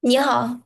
你好。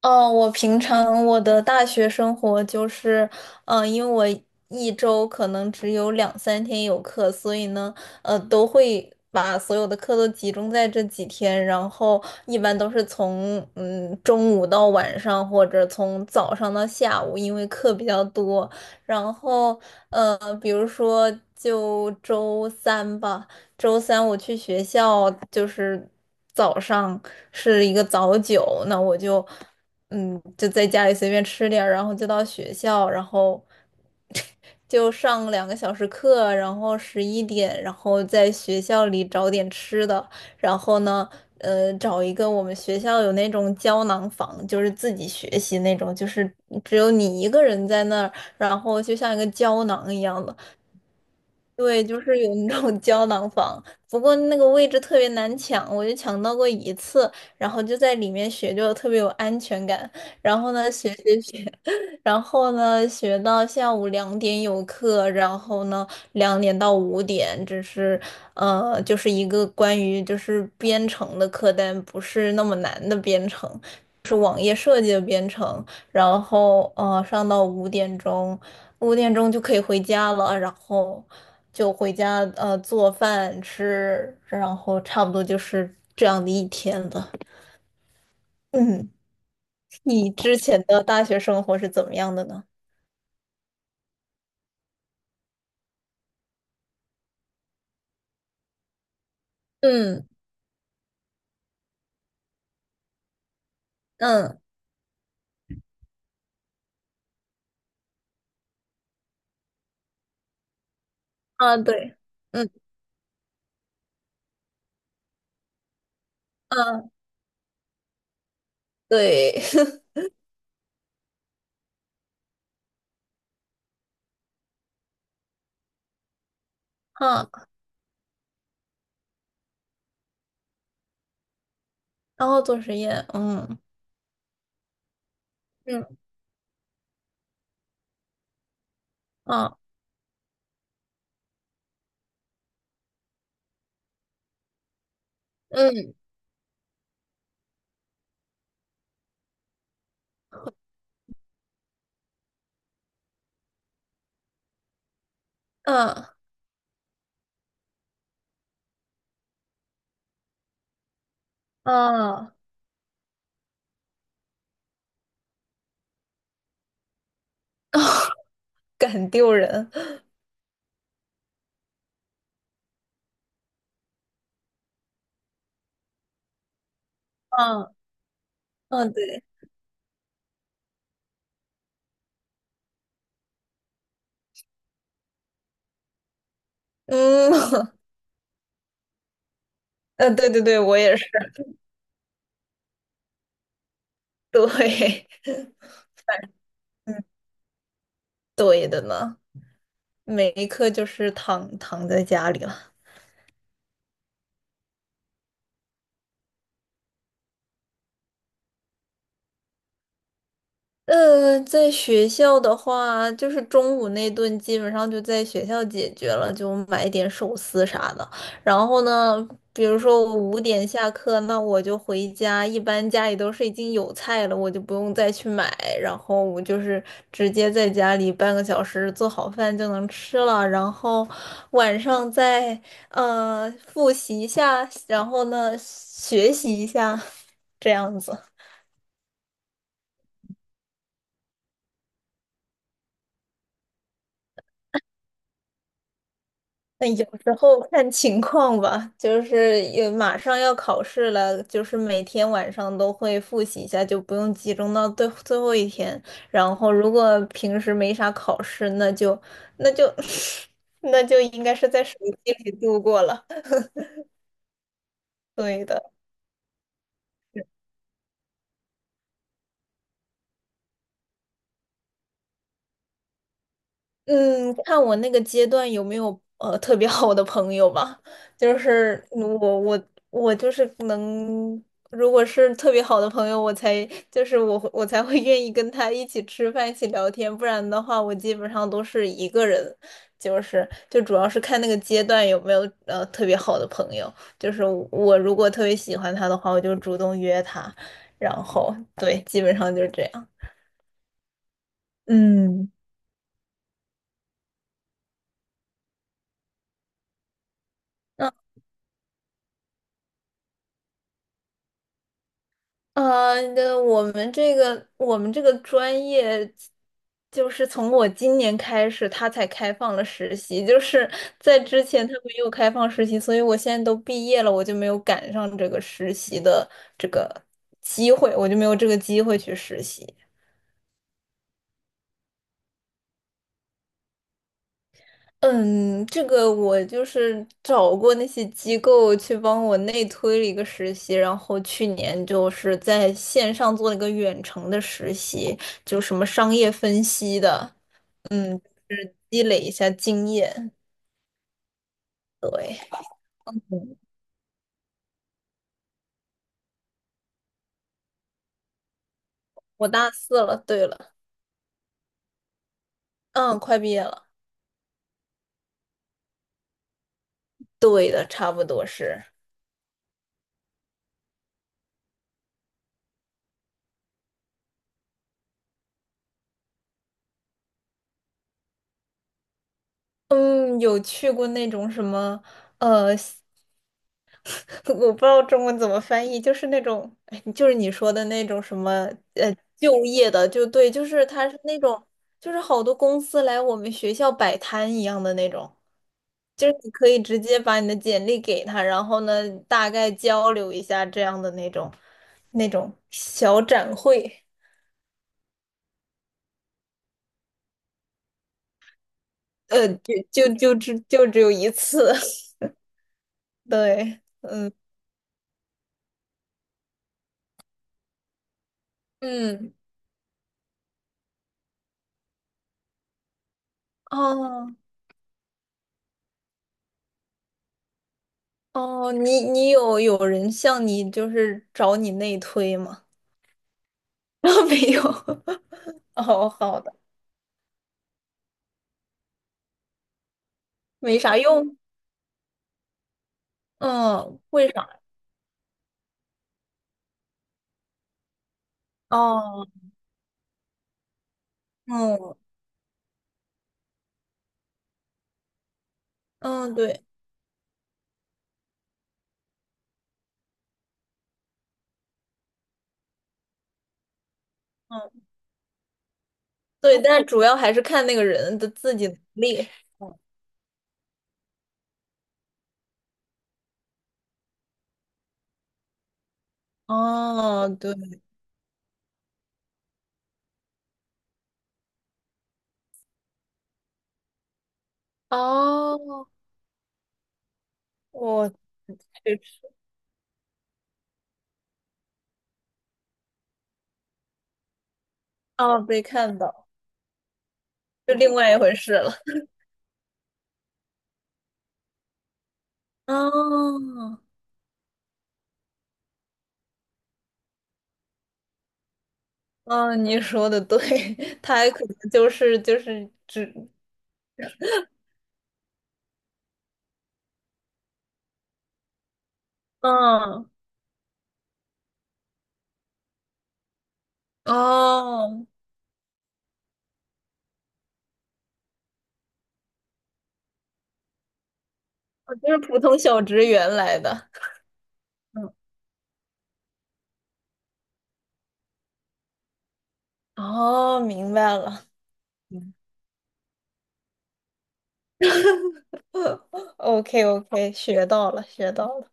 我平常的大学生活就是，因为我一周可能只有两三天有课，所以呢，都会把所有的课都集中在这几天，然后一般都是从中午到晚上，或者从早上到下午，因为课比较多。然后，比如说就周三吧。周三我去学校，就是早上是一个早九，那我就在家里随便吃点儿，然后就到学校，然后 就上2个小时课，然后11点，然后在学校里找点吃的，然后呢。找一个，我们学校有那种胶囊房，就是自己学习那种，就是只有你一个人在那儿，然后就像一个胶囊一样的。对，就是有那种胶囊房，不过那个位置特别难抢，我就抢到过一次，然后就在里面学，就特别有安全感。然后呢，学学学，然后呢，学到下午两点有课，然后呢，2点到5点，就是一个关于编程的课，但不是那么难的编程，是网页设计的编程。然后上到五点钟。五点钟就可以回家了，然后就回家做饭吃，然后差不多就是这样的一天了。嗯，你之前的大学生活是怎么样的呢？嗯嗯，啊对，嗯，啊对， 啊，然后做实验，嗯嗯，啊，嗯，啊啊，很丢人。啊，啊对，嗯， 对对对，我也是。对，嗯，对的呢。每一刻就是躺躺在家里了。在学校的话，就是中午那顿基本上就在学校解决了，就买一点寿司啥的。然后呢，比如说我五点下课，那我就回家，一般家里都是已经有菜了，我就不用再去买，然后我就是直接在家里半个小时做好饭就能吃了。然后晚上再复习一下，然后呢学习一下，这样子。但有时候看情况吧，就是也马上要考试了，就是每天晚上都会复习一下，就不用集中到最最后一天。然后如果平时没啥考试，那就那就 那就应该是在手机里度过了。对的。嗯，看我那个阶段有没有特别好的朋友吧。就是我就是能，如果是特别好的朋友，我才会愿意跟他一起吃饭、一起聊天。不然的话，我基本上都是一个人。就主要是看那个阶段有没有特别好的朋友。就是我如果特别喜欢他的话，我就主动约他。然后对，基本上就是这样。嗯，那我们这个专业，就是从我今年开始，他才开放了实习，就是在之前他没有开放实习，所以我现在都毕业了，我就没有赶上这个实习的这个机会，我就没有这个机会去实习。嗯，这个我就是找过那些机构去帮我内推了一个实习，然后去年就是在线上做了一个远程的实习，就什么商业分析的。积累一下经验。对。嗯，我大四了。对了。嗯，快毕业了。对的，差不多是。嗯，有去过那种什么，呃，我不知道中文怎么翻译，就是那种，哎，就是你说的那种什么就业的，就对，就是他是那种，就是好多公司来我们学校摆摊一样的那种，就是你可以直接把你的简历给他，然后呢，大概交流一下这样的那种，那种小展会。就只有一次，对。嗯嗯，哦哦，你有人向你就是找你内推吗？没有。哦，好的。没啥用。嗯，为啥？哦，嗯嗯，对，嗯，对，但主要还是看那个人的自己能力。哦，对，哦，我去，哦，被看到，是另外一回事了。哦，嗯，你说的对。他还可能就是只，嗯，哦，哦，就是普通小职员来的。嗯，哦，明白了。OK OK，学到了学到了。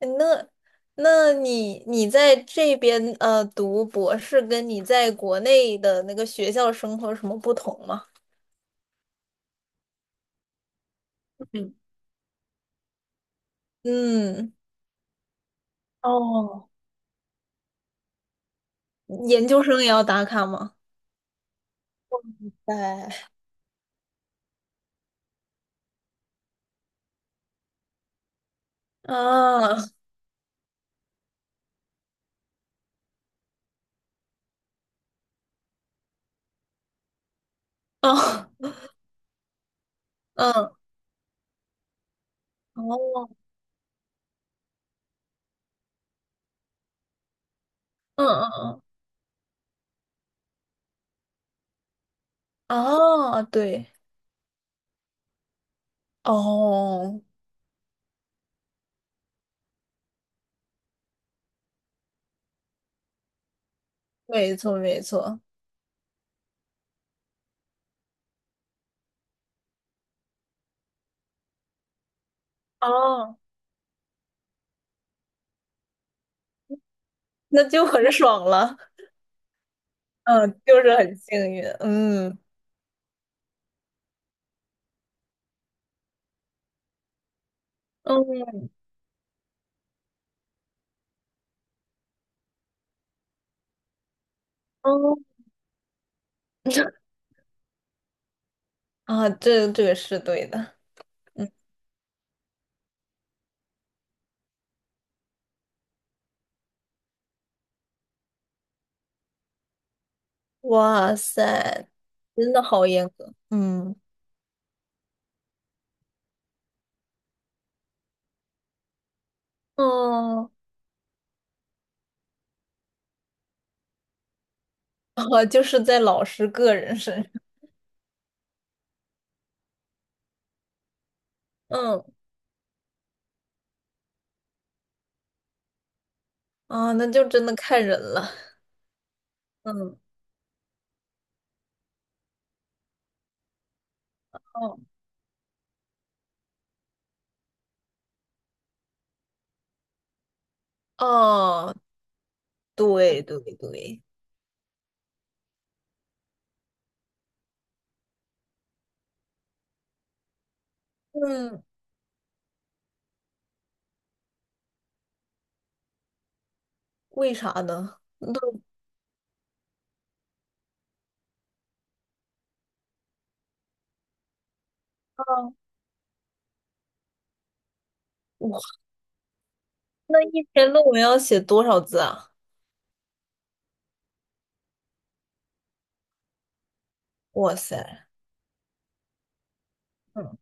那那你在这边读博士，跟你在国内的那个学校生活有什么不同吗？嗯嗯。哦，研究生也要打卡吗？对。啊，哦，嗯。哦，嗯嗯嗯，哦，对，哦，没错没错。哦，那就很爽了。嗯，就是很幸运。嗯嗯嗯，啊，这个是对的。嗯，哇塞，真的好严格。嗯，哦，啊，就是在老师个人身上。嗯，啊，那就真的看人了。嗯，哦哦，对对对。嗯，为啥呢？我。那一篇论文要写多少字啊？哇塞。嗯，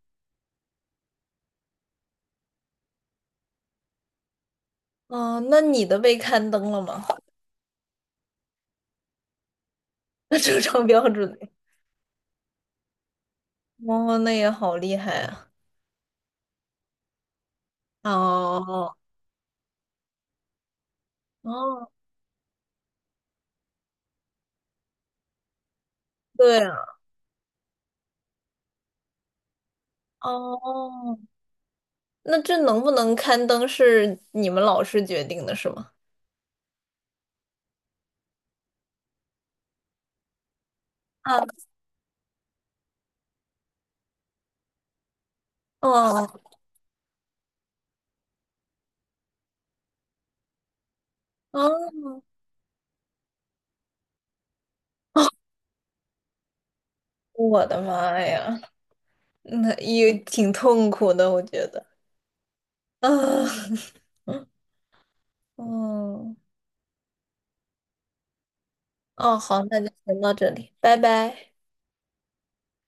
哦，那你的被刊登了吗？那正常标准的。哦，那也好厉害啊！哦，哦，对啊。哦，那这能不能刊登是你们老师决定的，是吗？啊。哦。哦，我的妈呀，那也挺痛苦的，我觉得。啊，嗯，哦，好，那就先到这里，拜拜。